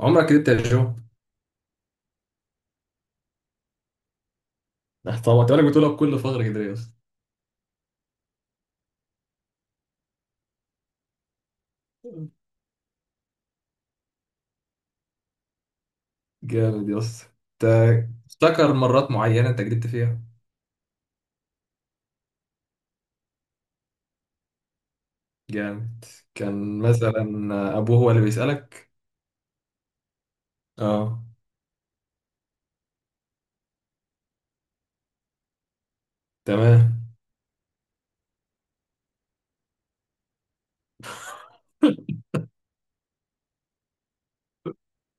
عمرك كدبت يا جو. آه، طبعا انت بالك بتقولها بكل فخر كده يا اسطى. جامد يا اسطى. انت افتكر مرات معينة انت كدبت فيها. جامد. كان مثلا ابوه هو اللي بيسألك. اه. تمام.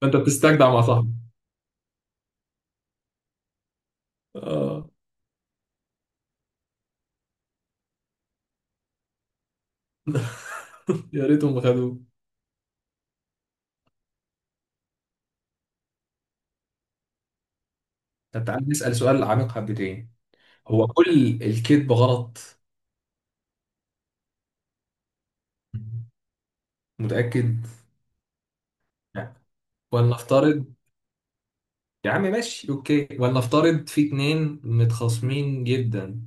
فانت بتستجدع مع صاحبك. اه. يا ريتهم خدوه. طب تعالى نسأل سؤال عميق حبتين. هو كل الكذب غلط؟ متأكد؟ لا. ولنفترض. يا عم ماشي اوكي، ولنفترض في اتنين متخاصمين جدا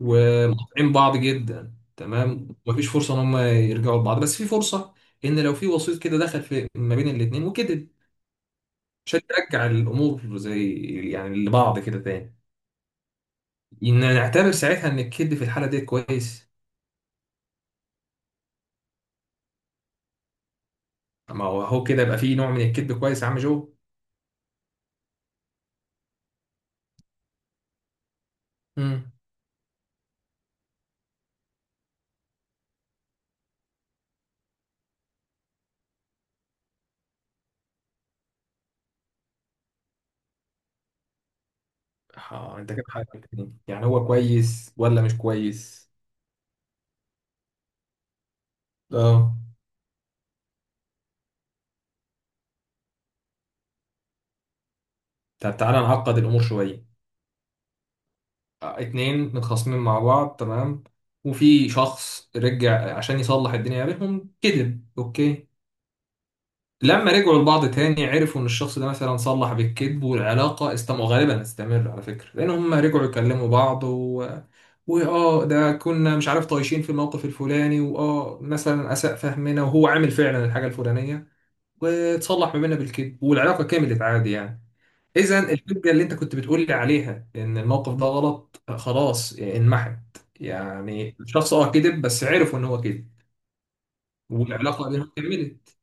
ومقاطعين بعض جدا، تمام، ومفيش فرصه ان هم يرجعوا لبعض، بس في فرصه ان لو في وسيط كده دخل في ما بين الاثنين وكده عشان ترجع الامور زي يعني لبعض كده تاني، ان نعتبر ساعتها ان الكذب في الحاله دي كويس. ما هو هو كده يبقى في نوع من الكذب كويس يا عم جو. امم. اه انت كده حاجتين يعني، هو كويس ولا مش كويس؟ اه. طب تعالى نعقد الامور شويه. اتنين متخاصمين مع بعض، تمام، وفي شخص رجع عشان يصلح الدنيا بينهم كذب، اوكي. لما رجعوا لبعض تاني عرفوا ان الشخص ده مثلا صلح بالكذب والعلاقة استمر غالبا هتستمر على فكرة لان هم رجعوا يكلموا بعض و... واه ده كنا مش عارف طايشين في الموقف الفلاني واه مثلا اساء فهمنا وهو عامل فعلا الحاجة الفلانية وتصلح ما بيننا بالكذب والعلاقة كملت عادي يعني. اذا الحجه اللي انت كنت بتقول لي عليها ان الموقف ده غلط خلاص انمحت. يعني الشخص اه كذب بس عرفوا ان هو كذب والعلاقه بينهم كملت.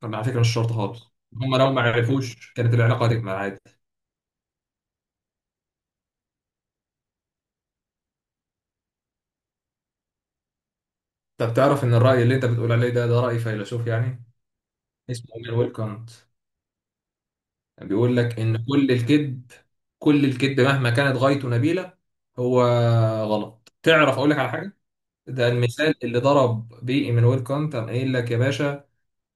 طب على فكره مش شرط خالص، هم لو ما عرفوش كانت العلاقه هتكمل عادي. طب تعرف ان الراي اللي انت بتقول عليه ده ده راي فيلسوف يعني. اسمه امير ويلكانت. بيقول لك ان كل الكذب، كل الكذب مهما كانت غايته نبيله هو غلط. تعرف اقول لك على حاجه؟ ده المثال اللي ضرب بيه ايمانويل كانت، قام قايل لك يا باشا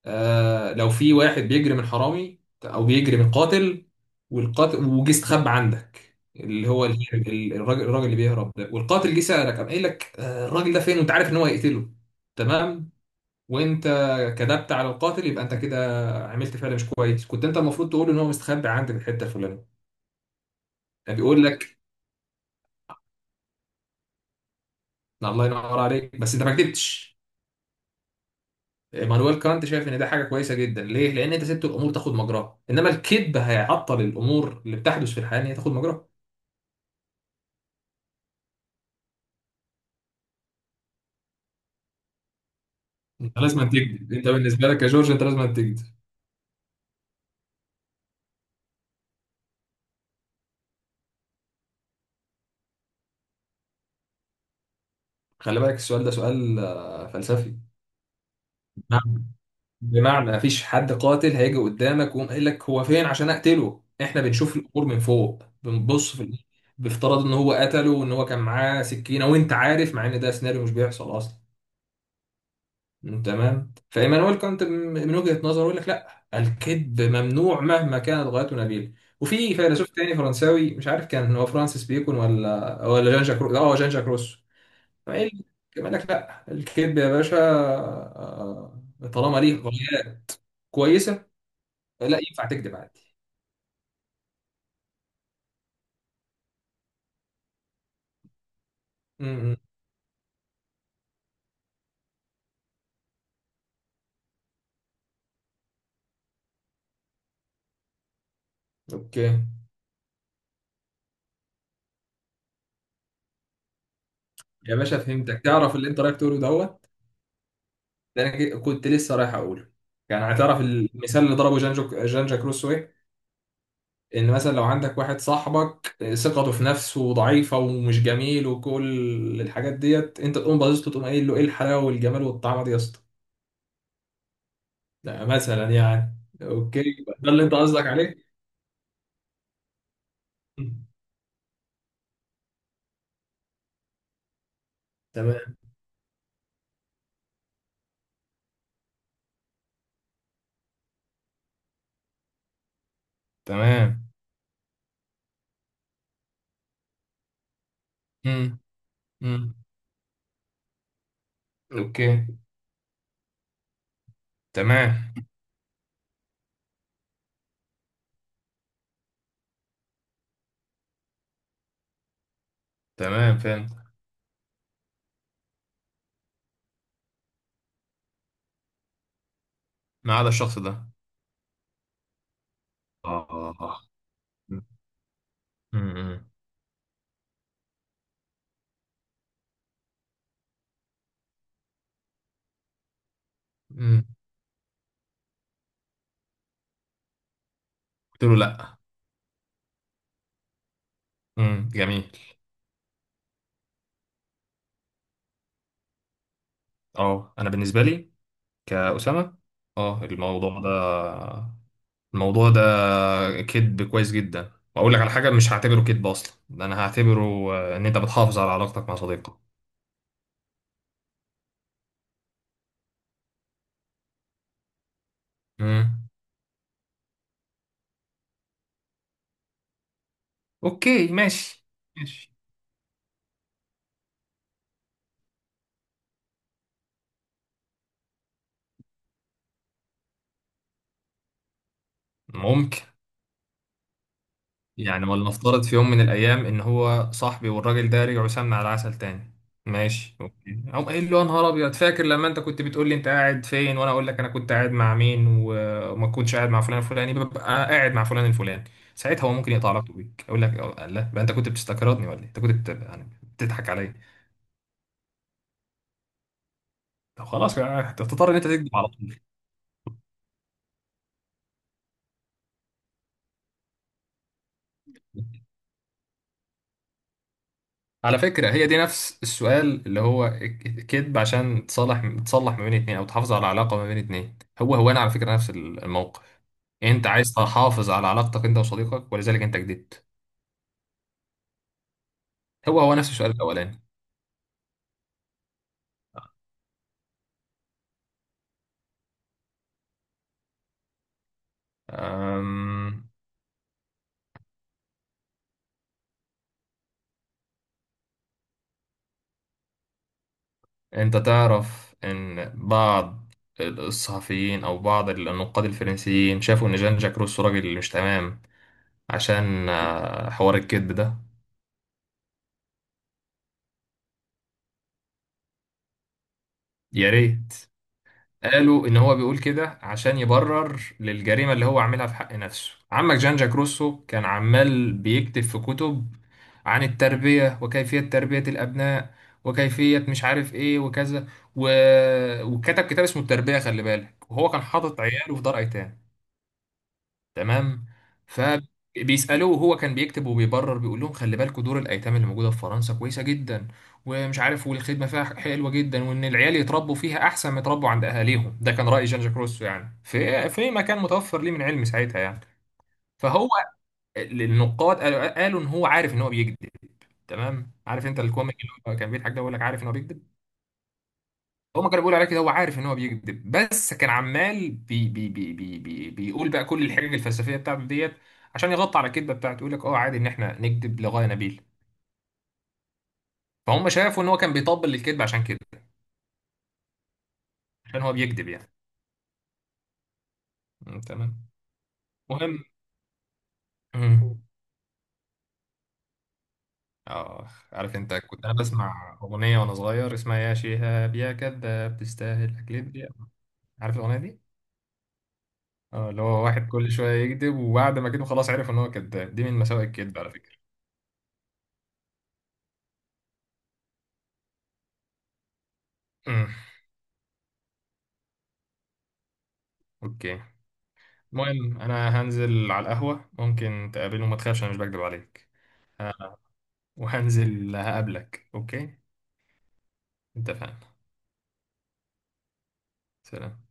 آه لو في واحد بيجري من حرامي او بيجري من قاتل والقاتل وجه استخبى عندك اللي هو الراجل الراجل اللي بيهرب ده والقاتل جه سألك قام قايل لك آه الراجل ده فين وانت عارف ان هو هيقتله. تمام. وانت كذبت على القاتل يبقى انت كده عملت فعل مش كويس، كنت انت المفروض تقول ان هو مستخبي عندك في الحته الفلانيه. يعني بيقول لك. الله ينور عليك، بس انت ما كدبتش. مانويل كانت شايف ان ده حاجه كويسه جدا، ليه؟ لان انت سبت الامور تاخد مجراها انما الكذب هيعطل الامور اللي بتحدث في الحياه ان هي تاخد مجراها. انت لازم تكذب، انت بالنسبه لك يا جورج انت لازم تكذب. خلي بالك السؤال ده سؤال فلسفي. بمعنى، بمعنى مفيش حد قاتل هيجي قدامك ويقوم قايل لك هو فين عشان اقتله، احنا بنشوف الامور من فوق بنبص في ال- بافتراض ان هو قتله وان هو كان معاه سكينه وانت عارف، مع ان ده سيناريو مش بيحصل اصلا. تمام. فايمانويل كانت من وجهه نظره يقول لك لا، الكذب ممنوع مهما كانت غايته نبيله. وفي فيلسوف تاني فرنساوي مش عارف كان هو فرانسيس بيكون ولا جان جاك روسو، ايه اللي قال لك؟ لا الكذب يا باشا آه، طالما ليه غاية كويسة لا ينفع تكذب عادي. امم. اوكي. يا باشا فهمتك، تعرف اللي انت رايح تقوله دوت؟ ده انا كنت لسه رايح اقوله. يعني هتعرف المثال اللي ضربه جانجو جانجا كروسو ايه؟ ان مثلا لو عندك واحد صاحبك ثقته في نفسه ضعيفه ومش جميل وكل الحاجات ديت انت تقوم باصص له تقوم قايل له ايه الحلاوه والجمال والطعمه دي يا اسطى، ده مثلا يعني. اوكي. ده اللي انت قصدك عليه. تمام. تمام. امم. امم. اوكي. تمام. تمام فهمت. ما عدا الشخص ده. اه. امم. امم. قلت له لا. جميل. اه انا بالنسبه لي كأسامه، اه الموضوع ده، الموضوع ده كذب كويس جدا، واقول لك على حاجه مش هعتبره كذب اصلا، ده انا هعتبره ان انت بتحافظ على علاقتك مع صديقك. امم. اوكي ماشي. ماشي. ممكن. يعني ولنفترض في يوم من الأيام إن هو صاحبي والراجل ده رجعوا سمنة على عسل تاني، ماشي أوكي، أقوم قايل له يا نهار أبيض فاكر لما أنت كنت بتقول لي أنت قاعد فين وأنا أقول لك أنا كنت قاعد مع مين و- وما كنتش قاعد مع فلان الفلاني ببقى قاعد مع فلان الفلاني، ساعتها هو ممكن يقطع علاقته بيك أقول لك أه، لا يبقى أنت كنت بتستكردني ولا إيه؟ أنت كنت يعني بتضحك عليا. طب خلاص بقى، هتضطر إن أنت تكذب على طول. على فكرة هي دي نفس السؤال اللي هو كذب عشان تصلح ما بين اتنين او تحافظ على علاقة ما بين اتنين، هو هو انا على فكرة نفس الموقف. انت عايز تحافظ على علاقتك انت وصديقك ولذلك انت كدبت. هو هو نفس السؤال الاولاني. أم... انت تعرف ان بعض الصحفيين او بعض النقاد الفرنسيين شافوا ان جان جاك روسو راجل مش تمام عشان حوار الكذب ده. يا ريت. قالوا ان هو بيقول كده عشان يبرر للجريمه اللي هو عاملها في حق نفسه، عمك جان جاك روسو كان عمال بيكتب في كتب عن التربيه وكيفيه تربيه الابناء وكيفيه مش عارف ايه وكذا و... وكتب كتاب اسمه التربيه خلي بالك، وهو كان حاطط عياله في دار ايتام. تمام. مم. فبيسألوه وهو كان بيكتب وبيبرر بيقول لهم خلي بالكوا دور الأيتام اللي موجودة في فرنسا كويسة جدا ومش عارف والخدمة فيها حلوة جدا وإن العيال يتربوا فيها أحسن ما يتربوا عند أهاليهم، ده كان رأي جان جاك روسو يعني في مكان متوفر ليه من علم ساعتها يعني. فهو النقاد قالوا إن هو عارف إن هو بيكذب. تمام. عارف أنت الكوميك اللي هو كان بيضحك ده بيقول لك عارف إن هو بيكذب. هما كانوا بيقولوا عليه كده، هو عارف ان هو بيكذب بس كان عمال بي بي بي بي بي بيقول بقى كل الحجج الفلسفيه بتاعته ديت عشان يغطي على الكذبه بتاعته، يقول لك اه عادي ان احنا نكذب لغايه نبيل. فهم شافوا ان هو كان بيطبل للكذب عشان كده، عشان هو بيكذب يعني. مم، تمام. مهم. مم. اه عارف انت كنت انا بسمع اغنيه وانا صغير اسمها يا شهاب يا كذاب تستاهل اكلت يا. عارف الاغنيه دي؟ اه اللي هو واحد كل شويه يكذب وبعد ما كده خلاص عرف ان هو كذاب، دي من مساوئ الكذب على فكره. مم. اوكي. المهم انا هنزل على القهوة ممكن تقابلني، وما تخافش انا مش بكدب عليك، وهنزل هقابلك اوكي؟ اتفقنا. سلام.